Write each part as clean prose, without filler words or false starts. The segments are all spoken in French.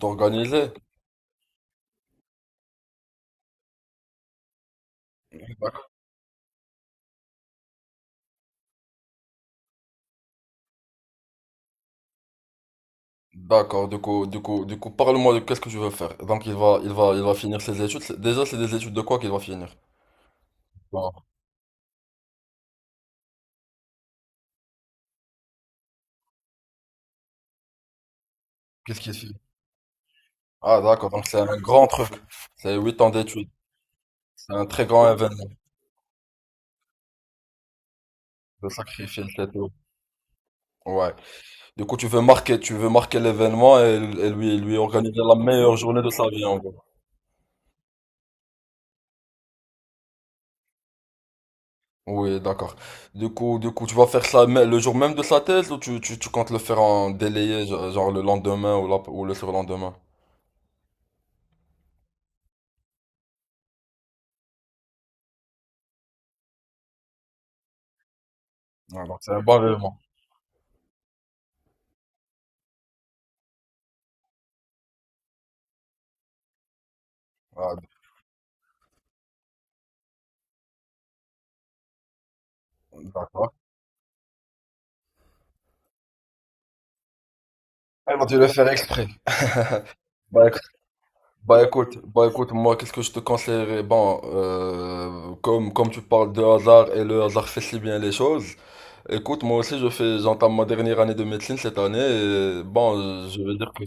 T'organiser? D'accord, du coup, parle-moi de qu'est-ce que tu veux faire. Donc, il va finir ses études. Déjà, c'est des études de quoi qu'il va finir? Bon, qu'est-ce qu'il fait? Ah, d'accord, donc c'est un grand truc. C'est 8 ans d'études. C'est un très grand événement. Le sacrifice et tout. Ouais. Du coup, tu veux marquer l'événement et lui organiser la meilleure journée de sa vie, en gros. Oui, d'accord. Du coup, tu vas faire ça le jour même de sa thèse ou tu comptes le faire en délayé, genre le lendemain ou le surlendemain? Ah, donc c'est un bon élément. Ah, d'accord. Ils ont dû le faire exprès. Bah, éc- bah, écoute, moi qu'est-ce que je te conseillerais? Bon, comme tu parles de hasard et le hasard fait si bien les choses, écoute, moi aussi j'entame ma dernière année de médecine cette année et bon, je veux dire que…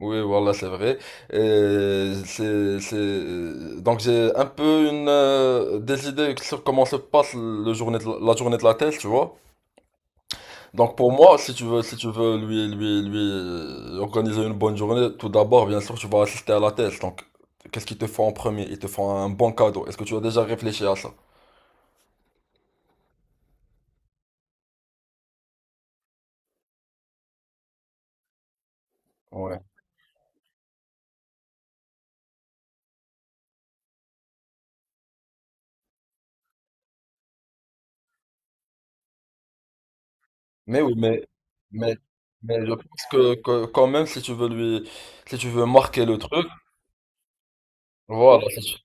Oui, voilà, c'est vrai. Donc j'ai un peu des idées sur comment se passe le journée de la la journée de la thèse, tu vois. Donc pour moi, si tu veux, lui organiser une bonne journée, tout d'abord, bien sûr, tu vas assister à la thèse. Donc, qu'est-ce qu'ils te font en premier? Ils te font un bon cadeau. Est-ce que tu as déjà réfléchi à ça? Ouais. Mais oui, mais, je pense que quand même, si tu veux lui, si tu veux marquer le truc, voilà. si tu-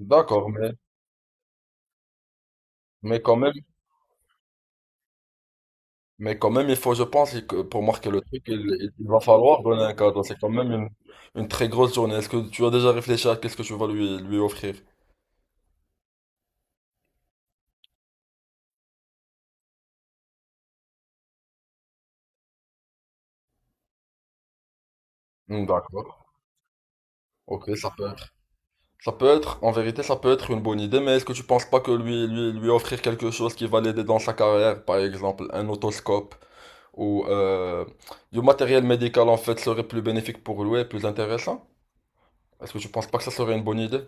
D'accord, mais, mais quand même, mais quand même, il faut, je pense, que pour marquer le truc, il va falloir donner un cadeau. C'est quand même une très grosse journée. Est-ce que tu as déjà réfléchi à qu'est-ce que tu vas lui offrir? Hmm, d'accord. Ok, ça peut être. Ça peut être, en vérité, ça peut être une bonne idée, mais est-ce que tu penses pas que lui offrir quelque chose qui va l'aider dans sa carrière, par exemple un otoscope ou du matériel médical en fait serait plus bénéfique pour lui et plus intéressant? Est-ce que tu penses pas que ça serait une bonne idée?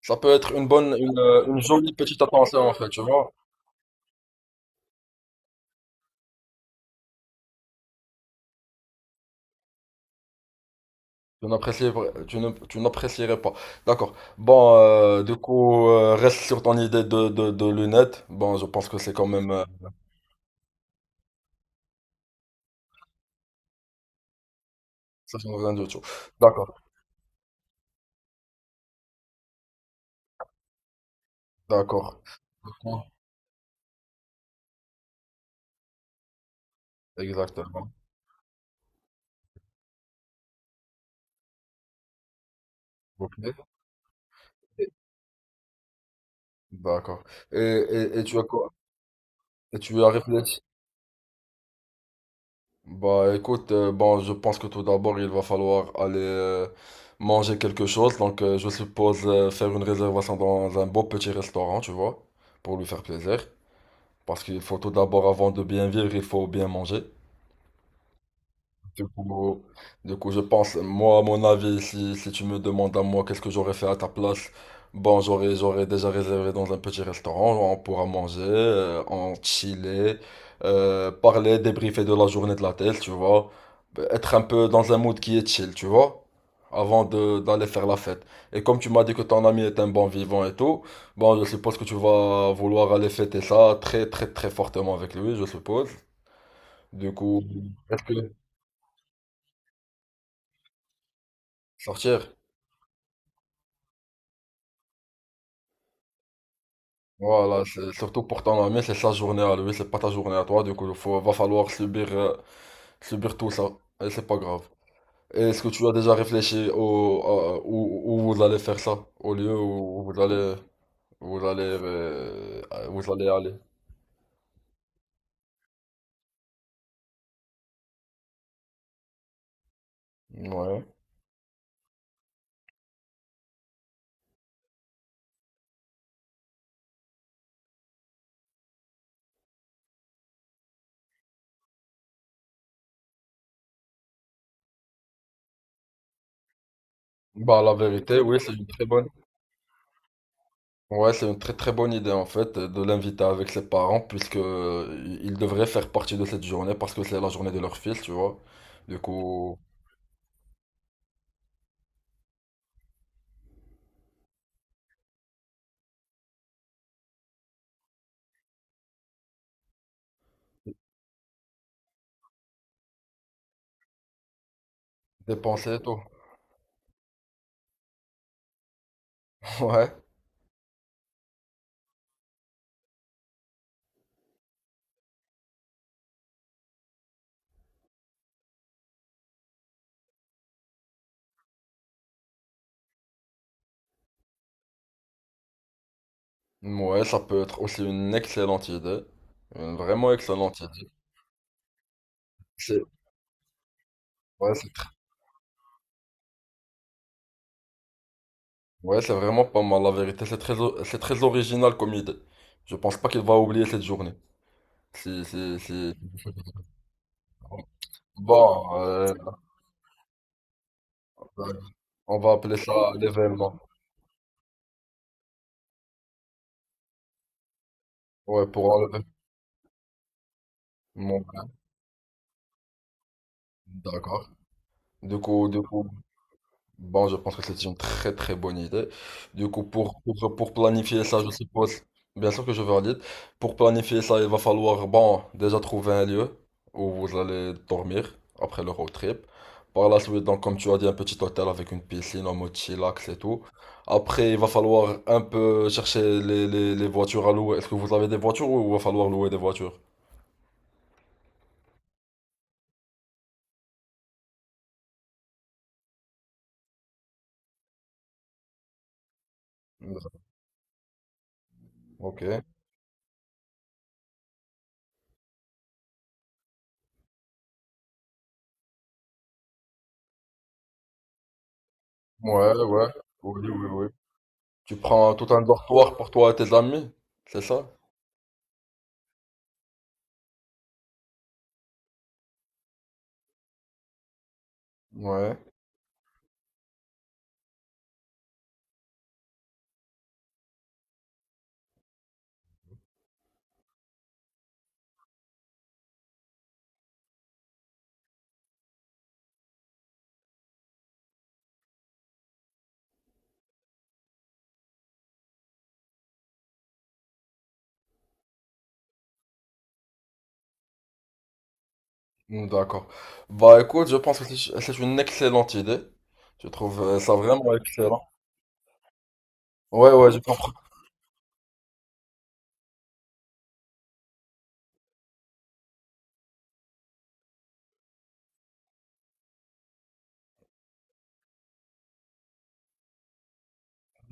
Ça peut être une jolie petite attention en fait, tu vois? Tu n'apprécierais pas. D'accord. Bon, du coup, reste sur ton idée de lunettes. Bon, je pense que c'est quand même… ça change rien du tout. D'accord, d'accord. Ah, exactement. Ok. D'accord. Et tu as quoi? Et tu as réfléchi? Bah écoute, bon, je pense que tout d'abord, il va falloir aller manger quelque chose. Donc, je suppose faire une réservation dans un beau petit restaurant, tu vois, pour lui faire plaisir. Parce qu'il faut tout d'abord, avant de bien vivre, il faut bien manger. Du coup, du coup, je pense, moi, à mon avis, si tu me demandes à moi qu'est-ce que j'aurais fait à ta place, bon, j'aurais déjà réservé dans un petit restaurant, on pourra manger, en chiller, parler, débriefer de la journée de la tête, tu vois, être un peu dans un mood qui est chill, tu vois, avant d'aller faire la fête. Et comme tu m'as dit que ton ami est un bon vivant et tout, bon, je suppose que tu vas vouloir aller fêter ça très, très, très fortement avec lui, je suppose. Du coup, est-ce que sortir? Voilà, surtout pour ton ami, c'est sa journée à lui, c'est pas ta journée à toi, du coup, va falloir subir tout ça, et c'est pas grave. Et est-ce que tu as déjà réfléchi où vous allez faire ça, au lieu où vous allez, euh, vous allez aller? Ouais. Bah, la vérité, oui, c'est une très bonne. Ouais, c'est une très très bonne idée en fait de l'inviter avec ses parents puisque ils devraient faire partie de cette journée parce que c'est la journée de leur fils, tu vois. Du coup, dépenser et tout. Ouais. Ouais, ça peut être aussi une excellente idée. Une vraiment excellente idée. C'est ouais, c'est tr- Ouais, c'est vraiment pas mal, la vérité. C'est très original comme idée. Je pense pas qu'il va oublier cette journée. Si, si, si. Bon, on va appeler ça l'événement. Ouais, pour enlever. Bon, d'accord. Du coup, bon, je pense que c'est une très très bonne idée. Du coup, pour planifier ça, je suppose, bien sûr que je vais valide. Pour planifier ça, il va falloir, bon, déjà trouver un lieu où vous allez dormir après le road trip. Par la suite, donc, comme tu as dit, un petit hôtel avec une piscine en mode chillax et tout. Après, il va falloir un peu chercher les voitures à louer. Est-ce que vous avez des voitures ou il va falloir louer des voitures? Ok. Ouais, ouais. Oui, oui, oui. Tu prends tout un dortoir pour toi et tes amis, c'est ça? Ouais, mm, d'accord. Bah écoute, je pense que c'est une excellente idée. Je trouve ça vraiment excellent. Ouais, ouais, je comprends.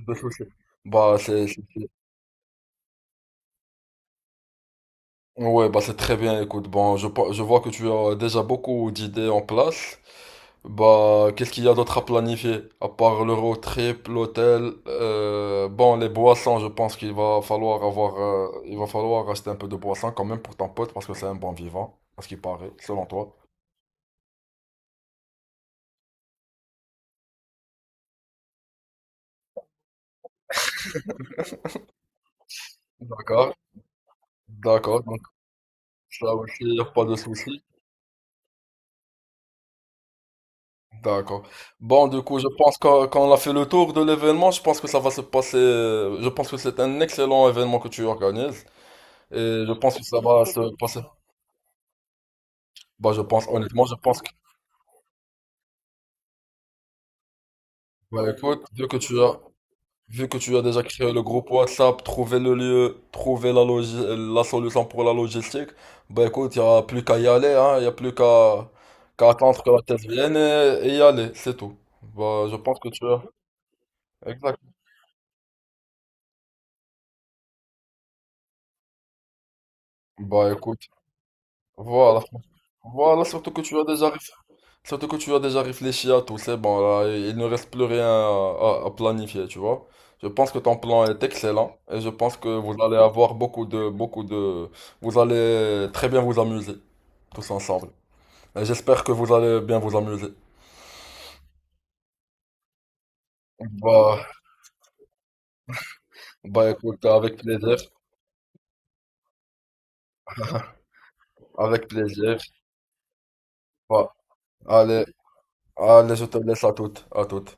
Pas de souci. Bah c'est, c'est- c'est- ouais, bah c'est très bien. Écoute, bon, je vois que tu as déjà beaucoup d'idées en place. Bah, qu'est-ce qu'il y a d'autre à planifier? À part le road trip, l'hôtel, bon, les boissons, je pense qu'il va falloir avoir, il va falloir acheter un peu de boissons quand même pour ton pote parce que c'est un bon vivant, à ce qui paraît, selon toi. D'accord, d'accord. Ça aussi, pas de souci. D'accord. Bon, du coup, je pense qu'on a fait le tour de l'événement. Je pense que ça va se passer. Je pense que c'est un excellent événement que tu organises. Et je pense que ça va se passer. Bah, je pense, honnêtement, je pense que. Bah, écoute, vu que tu as déjà créé le groupe WhatsApp, trouvé le lieu, la solution pour la logistique, bah, écoute, il n'y a plus qu'à y aller, hein. Il n'y a plus qu'à attendre que la thèse vienne et y aller. C'est tout. Bah, je pense que tu as. Exact. Bah, écoute. Voilà. Voilà, surtout que tu as déjà réfléchi à tout, c'est bon, là, il ne reste plus rien à planifier, tu vois. Je pense que ton plan est excellent et je pense que vous allez avoir beaucoup de, vous allez très bien vous amuser, tous ensemble. Et j'espère que vous allez bien vous amuser. Bah, bah, écoute, avec plaisir, avec plaisir. Bah, allez, allez, je te laisse à toutes, à toutes.